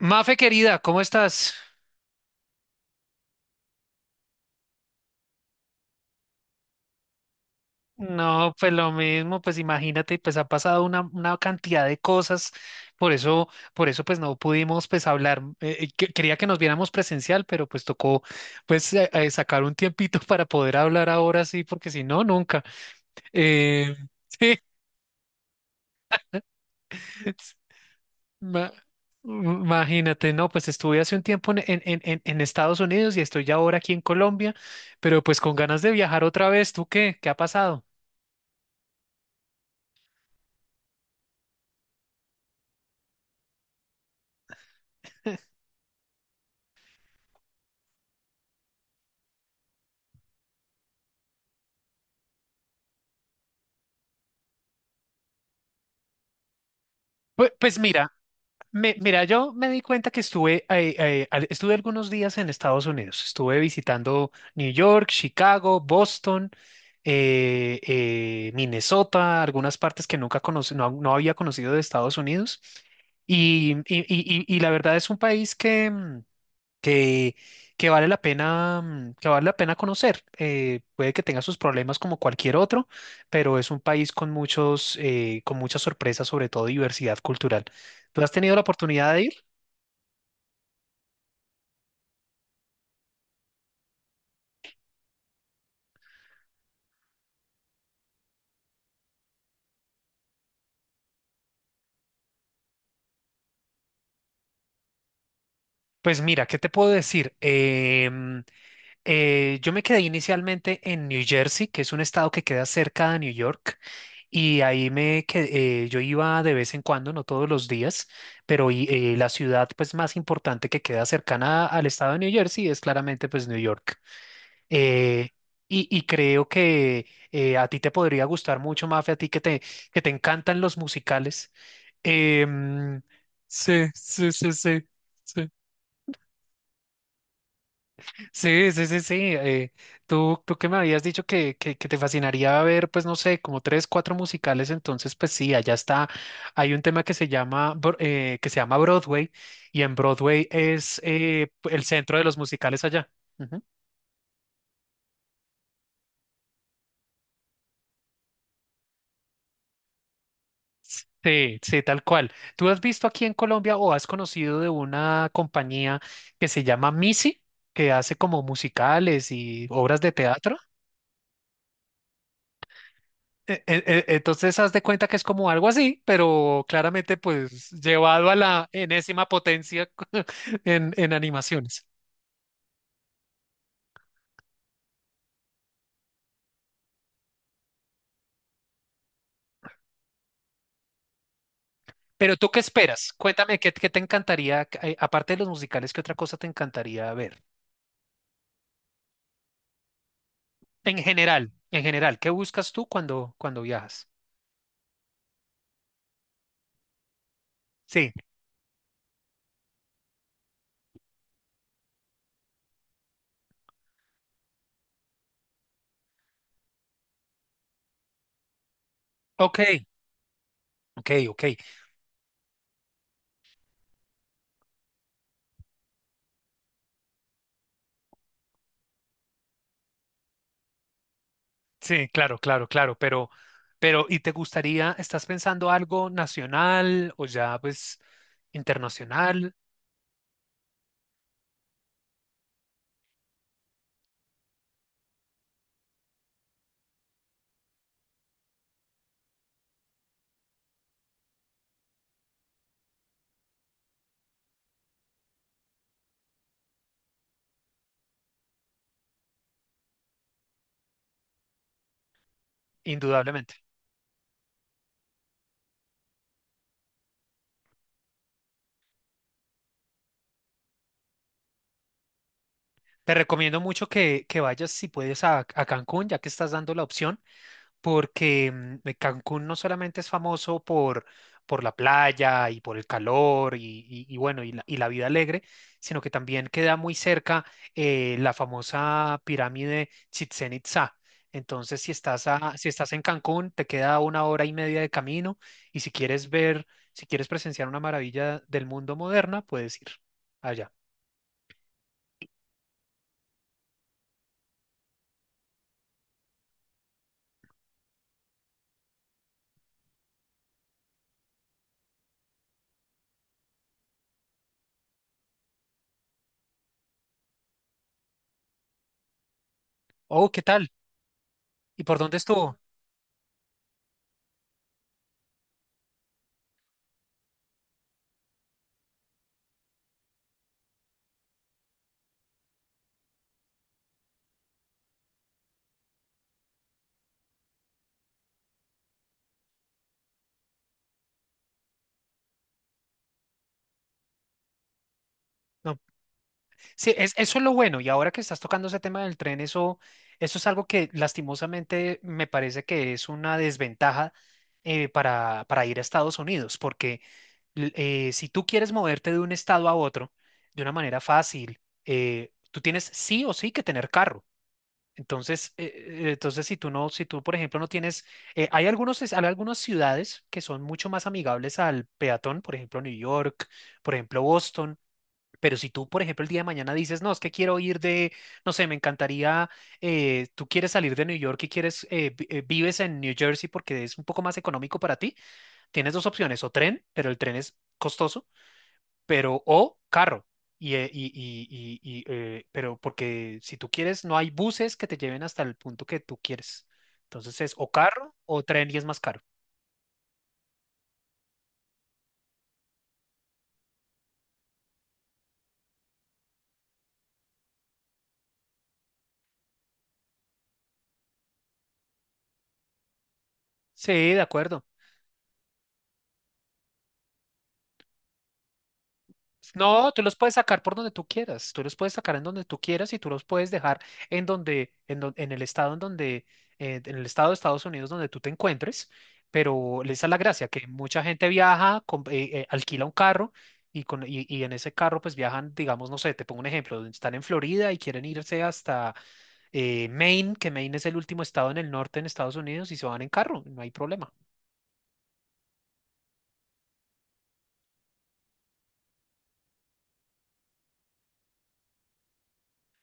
Mafe querida, ¿cómo estás? No, pues lo mismo, pues imagínate, pues ha pasado una cantidad de cosas, por eso pues no pudimos pues hablar. Quería que nos viéramos presencial, pero pues tocó pues sacar un tiempito para poder hablar ahora sí, porque si no, nunca. Eh, sí, ma- imagínate, no, pues estuve hace un tiempo en Estados Unidos y estoy ya ahora aquí en Colombia, pero pues con ganas de viajar otra vez. ¿Tú qué? ¿Qué ha pasado? Pues, pues mira. Mira, yo me di cuenta que estuve, estuve algunos días en Estados Unidos. Estuve visitando New York, Chicago, Boston, Minnesota, algunas partes que nunca conocí, no, no había conocido de Estados Unidos. Y la verdad es un país que, que, que vale la pena, que vale la pena conocer. Puede que tenga sus problemas como cualquier otro, pero es un país con con muchas sorpresas, sobre todo diversidad cultural. ¿Tú has tenido la oportunidad de ir? Pues mira, ¿qué te puedo decir? Yo me quedé inicialmente en New Jersey, que es un estado que queda cerca de New York, y ahí me quedé, yo iba de vez en cuando, no todos los días, pero la ciudad pues más importante que queda cercana al estado de New Jersey es claramente pues New York. Eh, y creo que a ti te podría gustar mucho, Mafe, a ti que te encantan los musicales. Em, sí, sí, sí, sí. Sí. Sí, sí, sí, sí. Tú que me habías dicho que te fascinaría ver, pues no sé, como tres, cuatro musicales, entonces pues sí, allá está. Hay un tema que se llama, que se llama Broadway, y en Broadway es el centro de los musicales allá. Ujú. Sí, sí, tal cual. ¿Tú has visto aquí en Colombia o has conocido de una compañía que se llama Missy, que hace como musicales y obras de teatro? Entonces, haz de cuenta que es como algo así, pero claramente, pues, llevado a la enésima potencia en animaciones. Pero tú, ¿qué esperas? Cuéntame, ¿qué, qué te encantaría, aparte de los musicales, qué otra cosa te encantaría ver? En general, ¿qué buscas tú cuando, cuando viajas? Sí, ok, ok, ok. Sí, claro, claro, claro, pero, ¿y te gustaría, estás pensando algo nacional o ya, pues, internacional? Indudablemente. Te recomiendo mucho que vayas si puedes a Cancún, ya que estás dando la opción, porque Cancún no solamente es famoso por la playa y por el calor y, y bueno, y la vida alegre, sino que también queda muy cerca la famosa pirámide Chichén Itzá. Entonces, si estás, si estás en Cancún, te queda una hora y media de camino, y si quieres ver, si quieres presenciar una maravilla del mundo moderna, puedes ir allá. Oh, ¿qué tal? ¿Y por dónde estuvo? Sí, es, eso es lo bueno. Y ahora que estás tocando ese tema del tren, eso es algo que lastimosamente me parece que es una desventaja para ir a Estados Unidos, porque si tú quieres moverte de un estado a otro de una manera fácil, tú tienes sí o sí que tener carro. Entonces, entonces si tú no, si tú, por ejemplo, no tienes, hay algunos, hay algunas ciudades que son mucho más amigables al peatón, por ejemplo, New York, por ejemplo, Boston, pero si tú, por ejemplo, el día de mañana dices, no, es que quiero ir de, no sé, me encantaría, tú quieres salir de New York y quieres, vives en New Jersey porque es un poco más económico para ti, tienes dos opciones, o tren, pero el tren es costoso, pero o carro. Y, eh, y, y, pero porque si tú quieres, no hay buses que te lleven hasta el punto que tú quieres. Entonces es o carro o tren y es más caro. Sí, de acuerdo. No, tú los puedes sacar por donde tú quieras, tú los puedes sacar en donde tú quieras y tú los puedes dejar en donde, en el estado en donde, en el estado de Estados Unidos donde tú te encuentres, pero esa es la gracia, que mucha gente viaja, alquila un carro y en ese carro pues viajan, digamos, no sé, te pongo un ejemplo, están en Florida y quieren irse hasta Maine, que Maine es el último estado en el norte en Estados Unidos y se van en carro, no hay problema.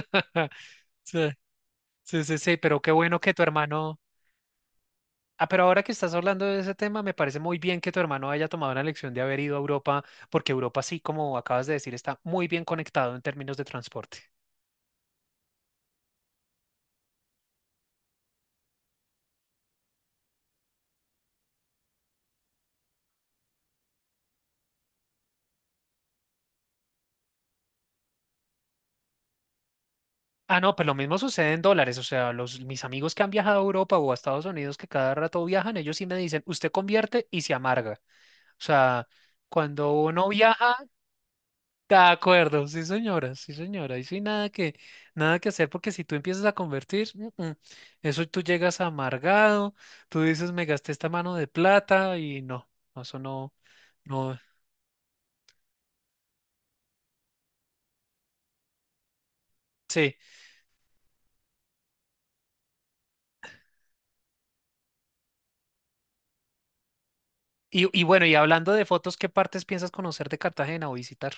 Sí, sí, sí, sí, pero qué bueno que tu hermano... Ah, pero ahora que estás hablando de ese tema, me parece muy bien que tu hermano haya tomado la elección de haber ido a Europa, porque Europa sí, como acabas de decir, está muy bien conectado en términos de transporte. Ah, no, pues lo mismo sucede en dólares. O sea, los, mis amigos que han viajado a Europa o a Estados Unidos, que cada rato viajan, ellos sí me dicen, usted convierte y se amarga. O sea, cuando uno viaja. De acuerdo, sí señora, y sí nada que, nada que hacer porque si tú empiezas a convertir, eso tú llegas amargado, tú dices me gasté esta mano de plata y no, no, eso no, no, sí. Y bueno, y hablando de fotos, ¿qué partes piensas conocer de Cartagena o visitar?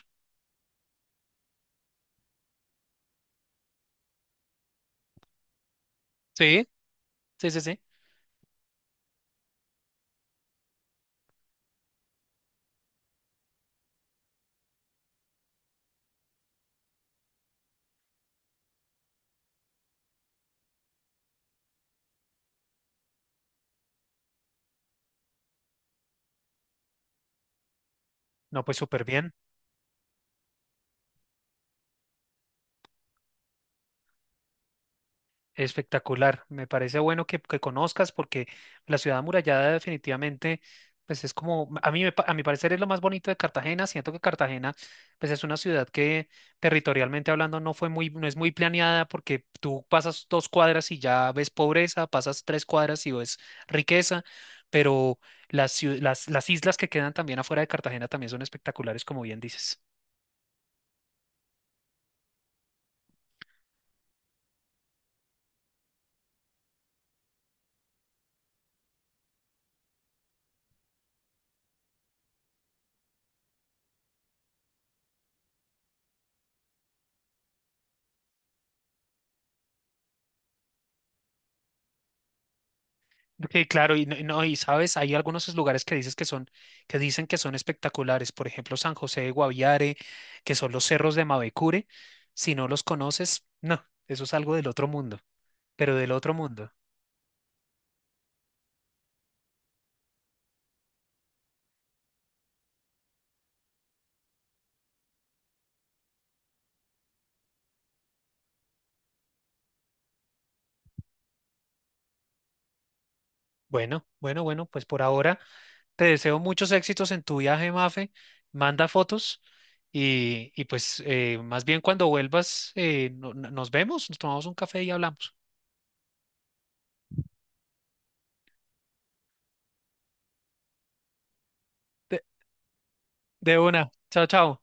Sí, sí, sí, sí. No, pues súper bien. Espectacular, me parece bueno que conozcas porque la ciudad amurallada definitivamente, pues es como, a mí, a mi parecer es lo más bonito de Cartagena, siento que Cartagena, pues es una ciudad que territorialmente hablando no fue muy, no es muy planeada porque tú pasas dos cuadras y ya ves pobreza, pasas tres cuadras y ves riqueza, pero las islas que quedan también afuera de Cartagena también son espectaculares, como bien dices. Que claro, y no, y no, y sabes, hay algunos lugares que dices que son, que dicen que son espectaculares, por ejemplo, San José de Guaviare, que son los cerros de Mavecure. Si no los conoces, no, eso es algo del otro mundo, pero del otro mundo. Bueno, bueno, bueno, pues por ahora te deseo muchos éxitos en tu viaje, Mafe. Manda fotos y pues más bien cuando vuelvas, nos vemos, nos tomamos un café y hablamos. de de una, chao, chao.